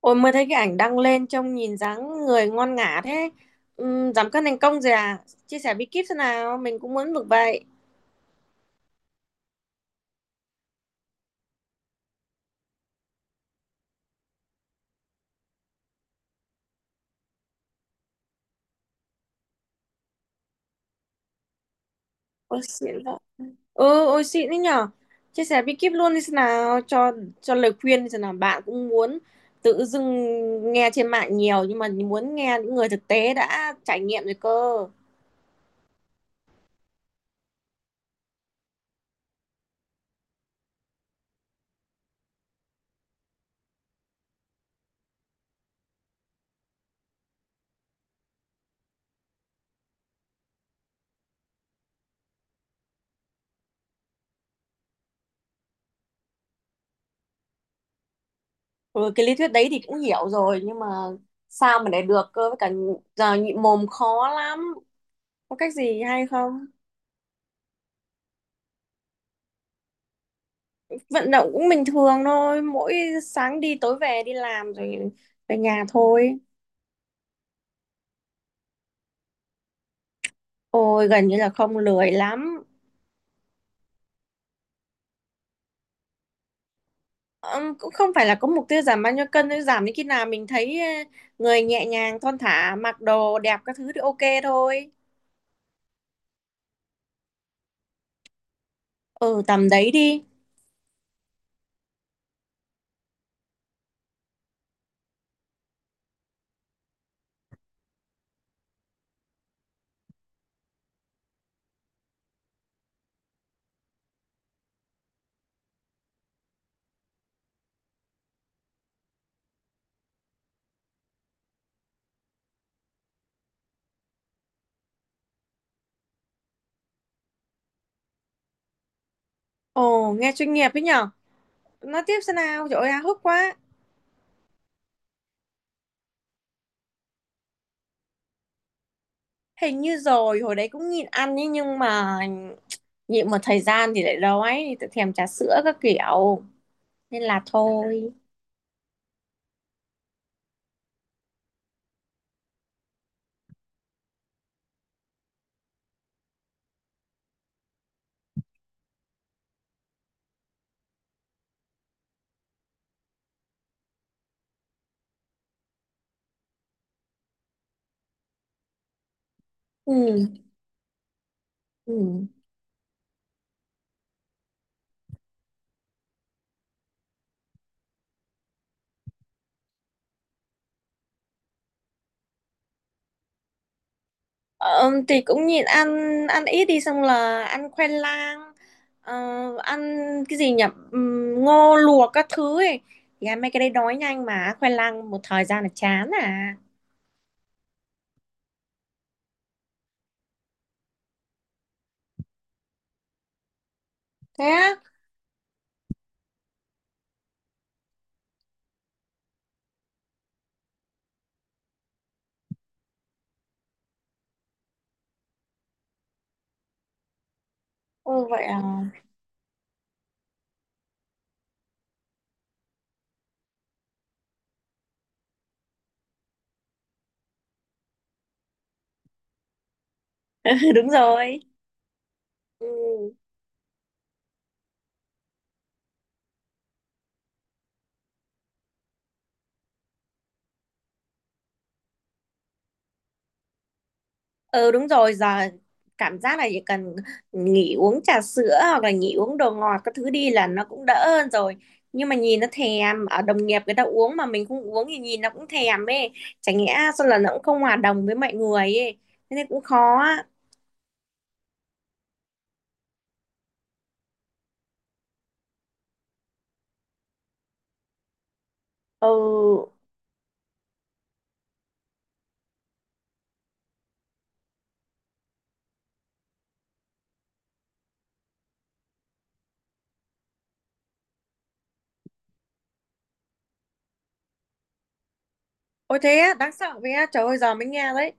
Ôi mới thấy cái ảnh đăng lên trông nhìn dáng người ngon ngả thế. Ừ, giảm cân thành công rồi à? Chia sẻ bí kíp thế nào? Mình cũng muốn được vậy. Ôi xịn vậy. Ừ, ôi xịn đấy nhở. Chia sẻ bí kíp luôn đi thế nào? Cho lời khuyên đi thế nào? Bạn cũng muốn tự dưng nghe trên mạng nhiều nhưng mà muốn nghe những người thực tế đã trải nghiệm rồi cơ. Ừ, cái lý thuyết đấy thì cũng hiểu rồi nhưng mà sao mà để được cơ, với cả giờ nhịn mồm khó lắm. Có cách gì hay không? Vận động cũng bình thường thôi, mỗi sáng đi tối về, đi làm rồi về nhà thôi. Ôi gần như là không, lười lắm. Cũng không phải là có mục tiêu giảm bao nhiêu cân, thôi giảm đến khi nào mình thấy người nhẹ nhàng thon thả, mặc đồ đẹp các thứ thì ok thôi. Ừ, tầm đấy đi. Ồ, nghe chuyên nghiệp ấy nhở. Nói tiếp xem nào, trời ơi háo hức quá. Hình như rồi, hồi đấy cũng nhịn ăn ấy, nhưng mà nhịn một thời gian thì lại đói, thì thèm trà sữa các kiểu nên là thôi. Ừ. Ừ. Ờ, thì cũng nhịn ăn, ăn ít đi, xong là ăn khoai lang, ờ, ăn cái gì nhỉ, ngô luộc các thứ ấy. Thì ăn mấy cái đấy đói nhanh, mà khoai lang một thời gian là chán à. Thế á? Ừ, vậy à? Đúng rồi. Ừ. Ừ, đúng rồi. Giờ cảm giác là chỉ cần nghỉ uống trà sữa hoặc là nghỉ uống đồ ngọt các thứ đi là nó cũng đỡ hơn rồi, nhưng mà nhìn nó thèm, ở đồng nghiệp người ta uống mà mình không uống thì nhìn nó cũng thèm ấy. Chả nhẽ sao là nó cũng không hòa đồng với mọi người ấy, thế nên cũng khó á. Ừ. Ôi thế á? Đáng sợ vậy á? Trời ơi, giờ mới nghe đấy.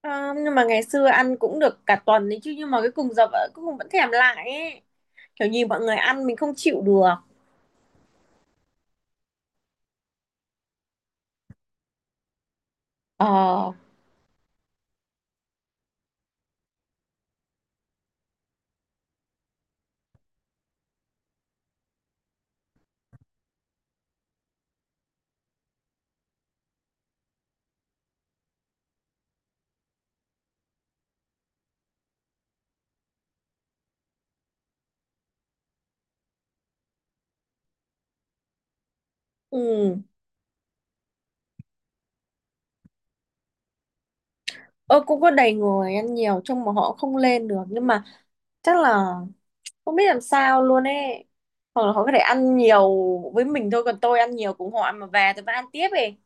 Ờ, nhưng mà ngày xưa ăn cũng được cả tuần đấy chứ, nhưng mà cái cùng giờ vẫn cũng vẫn thèm lại ấy, kiểu nhìn mọi người ăn mình không chịu được. Ờ. Ừ. Ơ, cũng có đầy người ăn nhiều trông mà họ không lên được, nhưng mà chắc là không biết làm sao luôn ấy, hoặc là họ có thể ăn nhiều với mình thôi, còn tôi ăn nhiều, cũng họ ăn mà về tôi vẫn ăn tiếp ấy.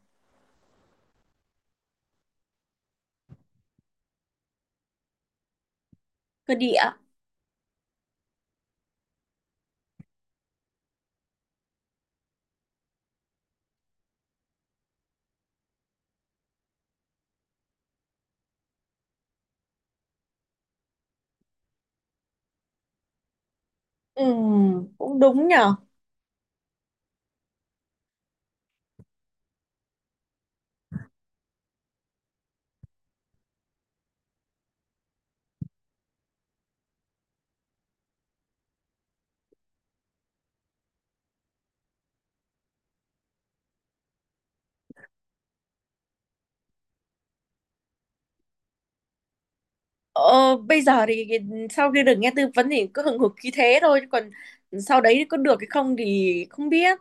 Cơ địa. Ừ, cũng đúng nhở. ờ, Bây giờ thì sau khi được nghe tư vấn thì cứ hừng hực khí thế thôi, chứ còn sau đấy có được hay không thì không biết.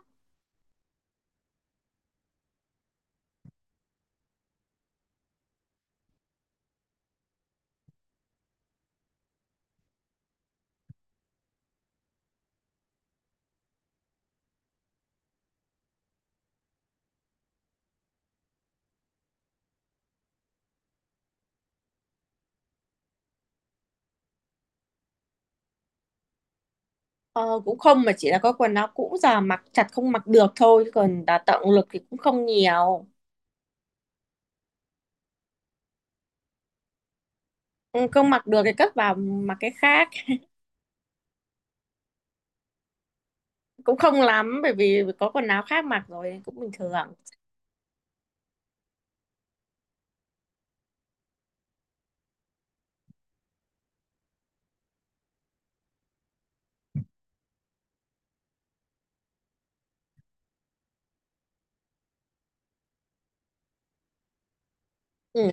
Ờ, Cũng không, mà chỉ là có quần áo cũ giờ mặc chặt không mặc được thôi, chứ còn đào tạo lực thì cũng không nhiều. Ừ, không mặc được thì cất vào mặc cái khác. Cũng không lắm, bởi vì có quần áo khác mặc rồi cũng bình thường. Ừ.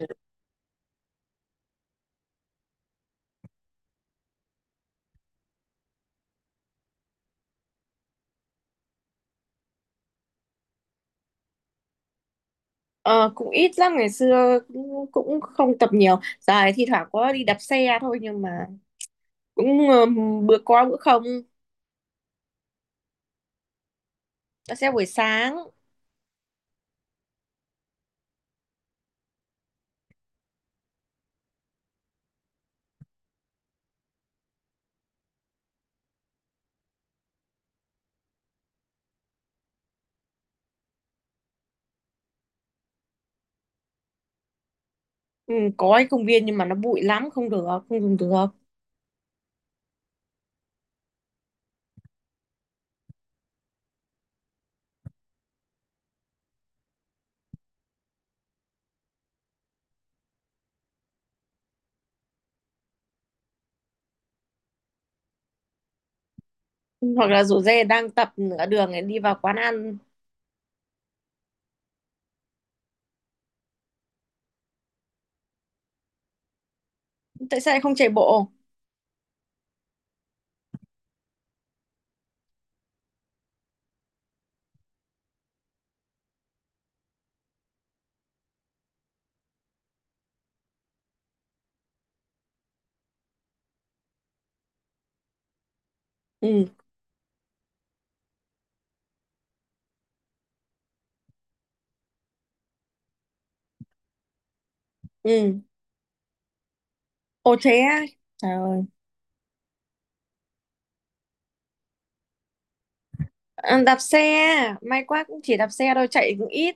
ờ, Cũng ít lắm. Ngày xưa cũng không tập nhiều, dài thi thoảng có đi đạp xe thôi, nhưng mà cũng bữa có bữa không. Đạp xe buổi sáng. Ừ, có cái công viên nhưng mà nó bụi lắm, không được, không dùng được. Hoặc là rủ dê đang tập nửa đường ấy, đi vào quán ăn. Tại sao lại không chạy bộ? Ừ. Ừ. Ồ thế á? Trời ơi. Ờ, đạp xe, may quá cũng chỉ đạp xe thôi, chạy cũng ít.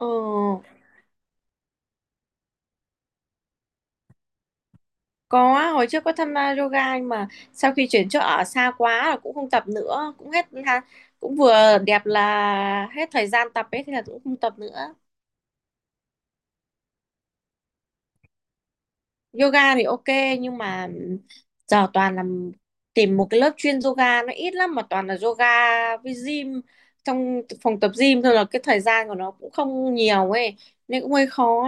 Ờ. Có, hồi trước có tham gia yoga, nhưng mà sau khi chuyển chỗ ở xa quá là cũng không tập nữa, cũng hết ha, cũng vừa đẹp là hết thời gian tập ấy thì là cũng không tập nữa. Yoga thì ok, nhưng mà giờ toàn là tìm một cái lớp chuyên yoga nó ít lắm, mà toàn là yoga với gym, trong phòng tập gym thôi là cái thời gian của nó cũng không nhiều ấy, nên cũng hơi khó.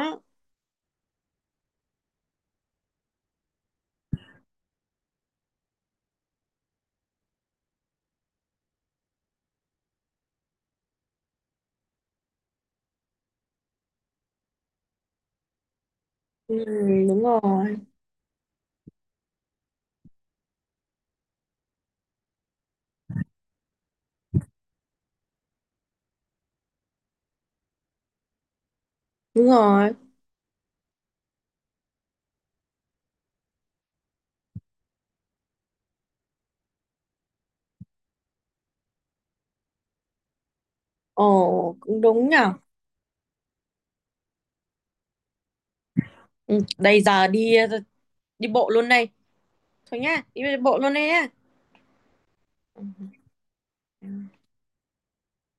Ừ, đúng rồi, đúng rồi. Ồ, cũng đúng nhở. Ừ, đây giờ đi, đi bộ luôn đây. Thôi nhá, đi bộ luôn đây nhá.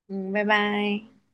Ừ, bye bye.